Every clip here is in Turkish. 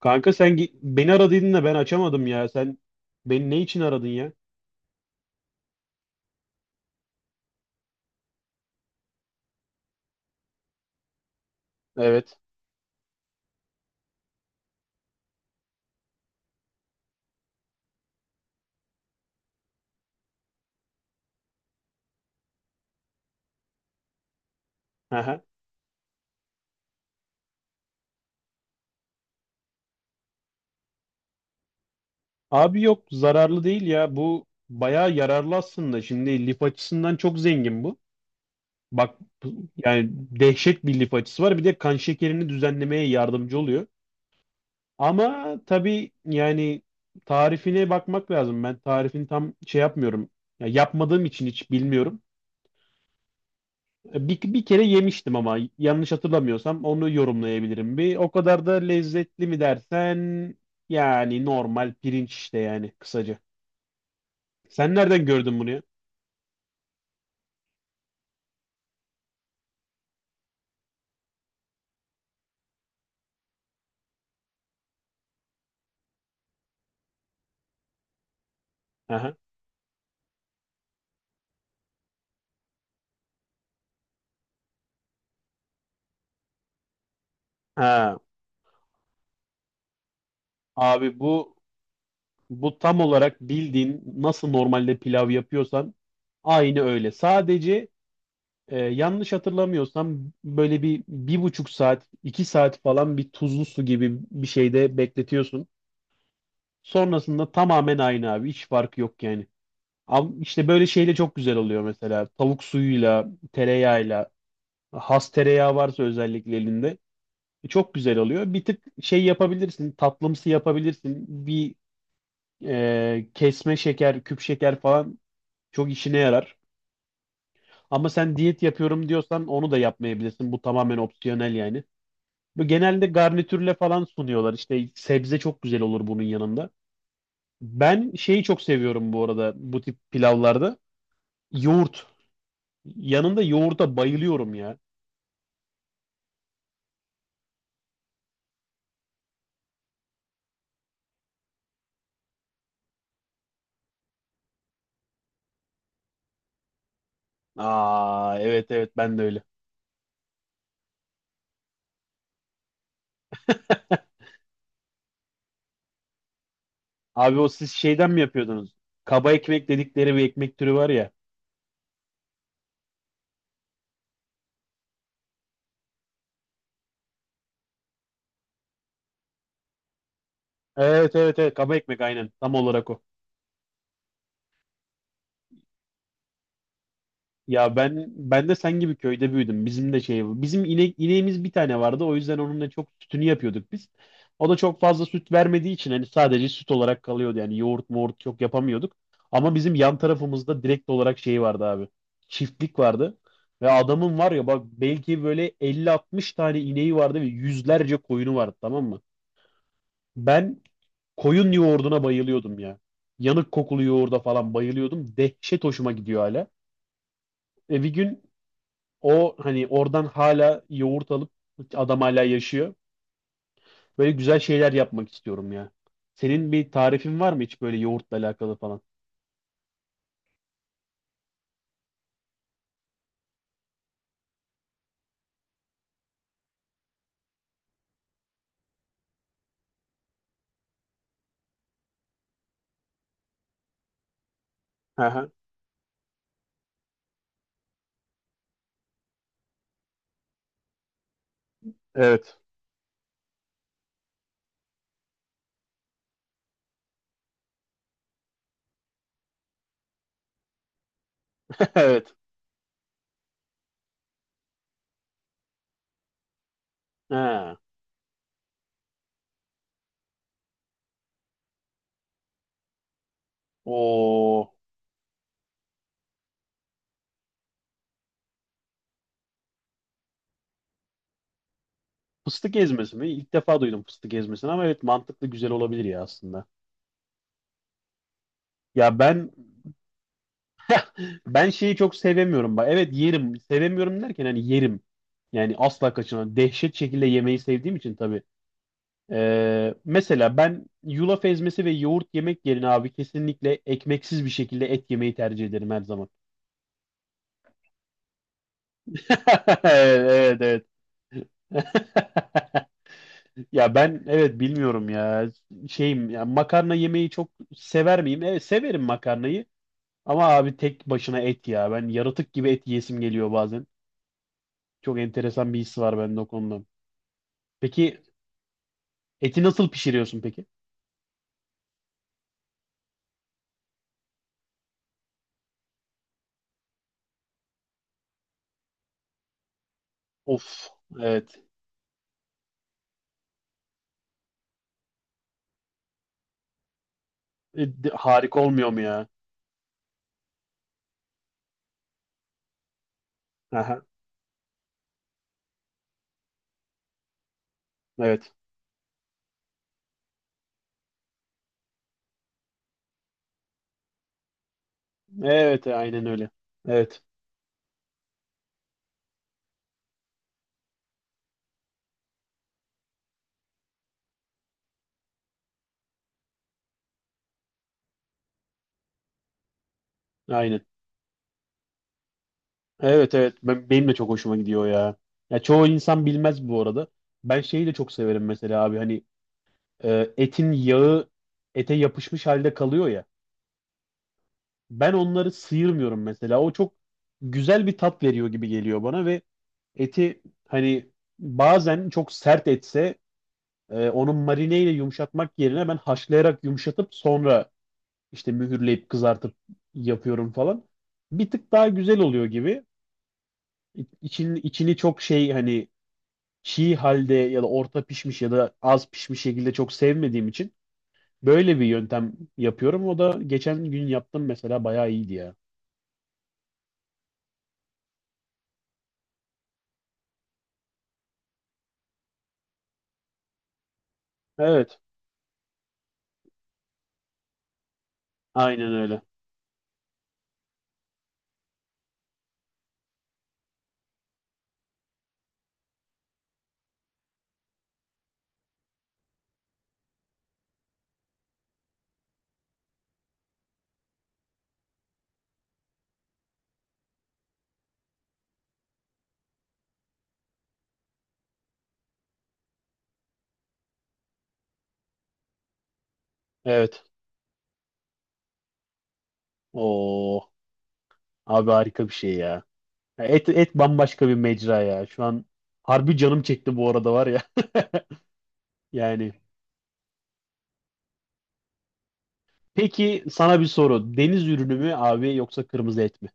Kanka sen beni aradıydın da ben açamadım ya. Sen beni ne için aradın ya? Evet. Aha. Abi yok, zararlı değil ya. Bu bayağı yararlı aslında. Şimdi lif açısından çok zengin bu. Bak yani dehşet bir lif açısı var. Bir de kan şekerini düzenlemeye yardımcı oluyor. Ama tabii yani tarifine bakmak lazım. Ben tarifini tam şey yapmıyorum. Ya yapmadığım için hiç bilmiyorum. Bir kere yemiştim ama yanlış hatırlamıyorsam onu yorumlayabilirim bir. O kadar da lezzetli mi dersen yani normal pirinç işte, yani kısaca. Sen nereden gördün bunu ya? Aha. Ha. Abi bu tam olarak bildiğin nasıl normalde pilav yapıyorsan aynı öyle. Sadece yanlış hatırlamıyorsam böyle 1,5 saat, 2 saat falan bir tuzlu su gibi bir şeyde bekletiyorsun. Sonrasında tamamen aynı abi, hiç farkı yok yani. Ama işte böyle şeyle çok güzel oluyor mesela. Tavuk suyuyla, tereyağıyla. Has tereyağı varsa özellikle elinde. Çok güzel oluyor. Bir tık şey yapabilirsin. Tatlımsı yapabilirsin. Bir kesme şeker, küp şeker falan çok işine yarar. Ama sen diyet yapıyorum diyorsan onu da yapmayabilirsin. Bu tamamen opsiyonel yani. Bu genelde garnitürle falan sunuyorlar. İşte sebze çok güzel olur bunun yanında. Ben şeyi çok seviyorum bu arada bu tip pilavlarda. Yoğurt. Yanında yoğurda bayılıyorum ya. Aa, evet evet, ben de öyle. Abi o siz şeyden mi yapıyordunuz? Kaba ekmek dedikleri bir ekmek türü var ya. Evet evet evet, kaba ekmek aynen. Tam olarak o. Ya ben de sen gibi köyde büyüdüm. Bizim de şey, bizim ineğimiz bir tane vardı. O yüzden onunla çok sütünü yapıyorduk biz. O da çok fazla süt vermediği için hani sadece süt olarak kalıyordu. Yani yoğurt moğurt çok yapamıyorduk. Ama bizim yan tarafımızda direkt olarak şey vardı abi. Çiftlik vardı. Ve adamın var ya bak, belki böyle 50-60 tane ineği vardı ve yüzlerce koyunu vardı, tamam mı? Ben koyun yoğurduna bayılıyordum ya. Yanık kokulu yoğurda falan bayılıyordum. Dehşet hoşuma gidiyor hala. E bir gün o hani oradan hala yoğurt alıp, adam hala yaşıyor. Böyle güzel şeyler yapmak istiyorum ya. Senin bir tarifin var mı hiç böyle yoğurtla alakalı falan? Aha, evet. Evet. Ha. O fıstık ezmesi mi? İlk defa duydum fıstık ezmesini ama evet, mantıklı, güzel olabilir ya aslında. Ya ben şeyi çok sevemiyorum bak. Evet yerim. Sevemiyorum derken hani yerim. Yani asla kaçınamam. Dehşet şekilde yemeyi sevdiğim için tabii. Mesela ben yulaf ezmesi ve yoğurt yemek yerine abi kesinlikle ekmeksiz bir şekilde et yemeyi tercih ederim her zaman. Evet evet. Evet. Ya ben, evet, bilmiyorum ya, şeyim ya, makarna yemeyi çok sever miyim? Evet severim makarnayı ama abi tek başına et, ya ben yaratık gibi et yesim geliyor bazen. Çok enteresan bir his var bende o konuda. Peki eti nasıl pişiriyorsun peki? Of, evet. Harika olmuyor mu ya? Aha, evet. Evet, aynen öyle. Evet, aynen. Evet, evet. Ben, de çok hoşuma gidiyor ya. Ya çoğu insan bilmez bu arada. Ben şeyi de çok severim mesela abi. Hani etin yağı ete yapışmış halde kalıyor ya. Ben onları sıyırmıyorum mesela. O çok güzel bir tat veriyor gibi geliyor bana. Ve eti hani bazen çok sert etse onu marineyle yumuşatmak yerine ben haşlayarak yumuşatıp sonra işte mühürleyip kızartıp yapıyorum falan. Bir tık daha güzel oluyor gibi. İçini çok şey hani, çiğ halde ya da orta pişmiş ya da az pişmiş şekilde çok sevmediğim için böyle bir yöntem yapıyorum. O da geçen gün yaptım mesela, bayağı iyiydi ya. Evet. Aynen öyle. Evet. Oo, abi harika bir şey ya. Ya et bambaşka bir mecra ya. Şu an harbi canım çekti bu arada var ya. Yani. Peki sana bir soru. Deniz ürünü mü abi yoksa kırmızı et mi?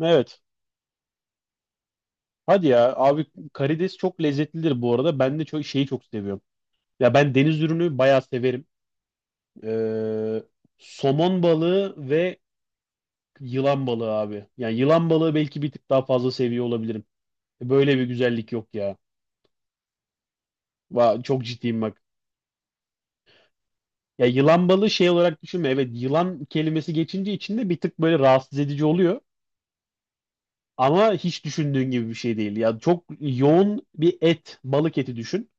Evet. Hadi ya abi, karides çok lezzetlidir bu arada. Ben de çok şeyi çok seviyorum. Ya ben deniz ürünü bayağı severim. Ee, Somon balığı ve yılan balığı abi. Yani yılan balığı belki bir tık daha fazla seviyor olabilirim. Böyle bir güzellik yok ya. Va, çok ciddiyim bak. Ya yılan balığı şey olarak düşünme. Evet, yılan kelimesi geçince içinde bir tık böyle rahatsız edici oluyor. Ama hiç düşündüğün gibi bir şey değil. Ya çok yoğun bir et, balık eti düşün.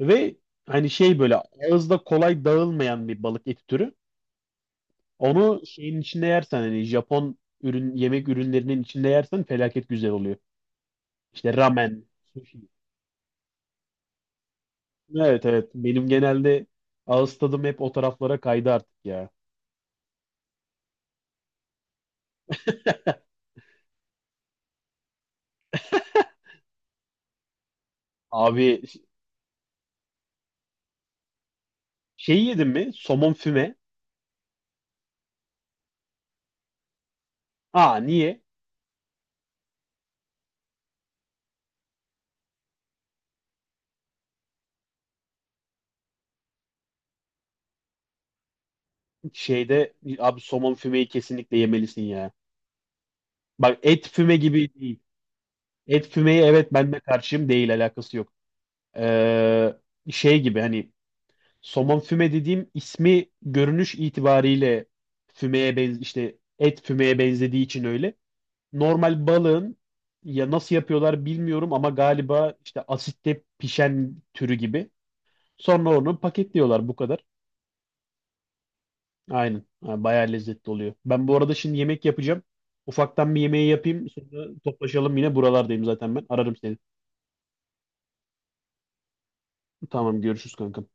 Ve hani şey, böyle ağızda kolay dağılmayan bir balık eti türü. Onu şeyin içinde yersen hani Japon ürün, yemek ürünlerinin içinde yersen felaket güzel oluyor. İşte ramen, sushi. Evet evet. Benim genelde ağız tadım hep o taraflara kaydı artık ya. Abi şey yedin mi? Somon füme. Aa, niye? Şeyde abi, somon fümeyi kesinlikle yemelisin ya. Bak et füme gibi değil. Et fümeyi, evet, ben de karşıyım, değil, alakası yok. Ee, Şey gibi hani, somon füme dediğim ismi görünüş itibariyle fümeye işte et fümeye benzediği için öyle. Normal balığın ya, nasıl yapıyorlar bilmiyorum ama galiba işte asitte pişen türü gibi. Sonra onu paketliyorlar, bu kadar. Aynen. Ha, bayağı lezzetli oluyor. Ben bu arada şimdi yemek yapacağım. Ufaktan bir yemeği yapayım. Sonra toplaşalım, yine buralardayım zaten ben. Ararım seni. Tamam, görüşürüz kankam.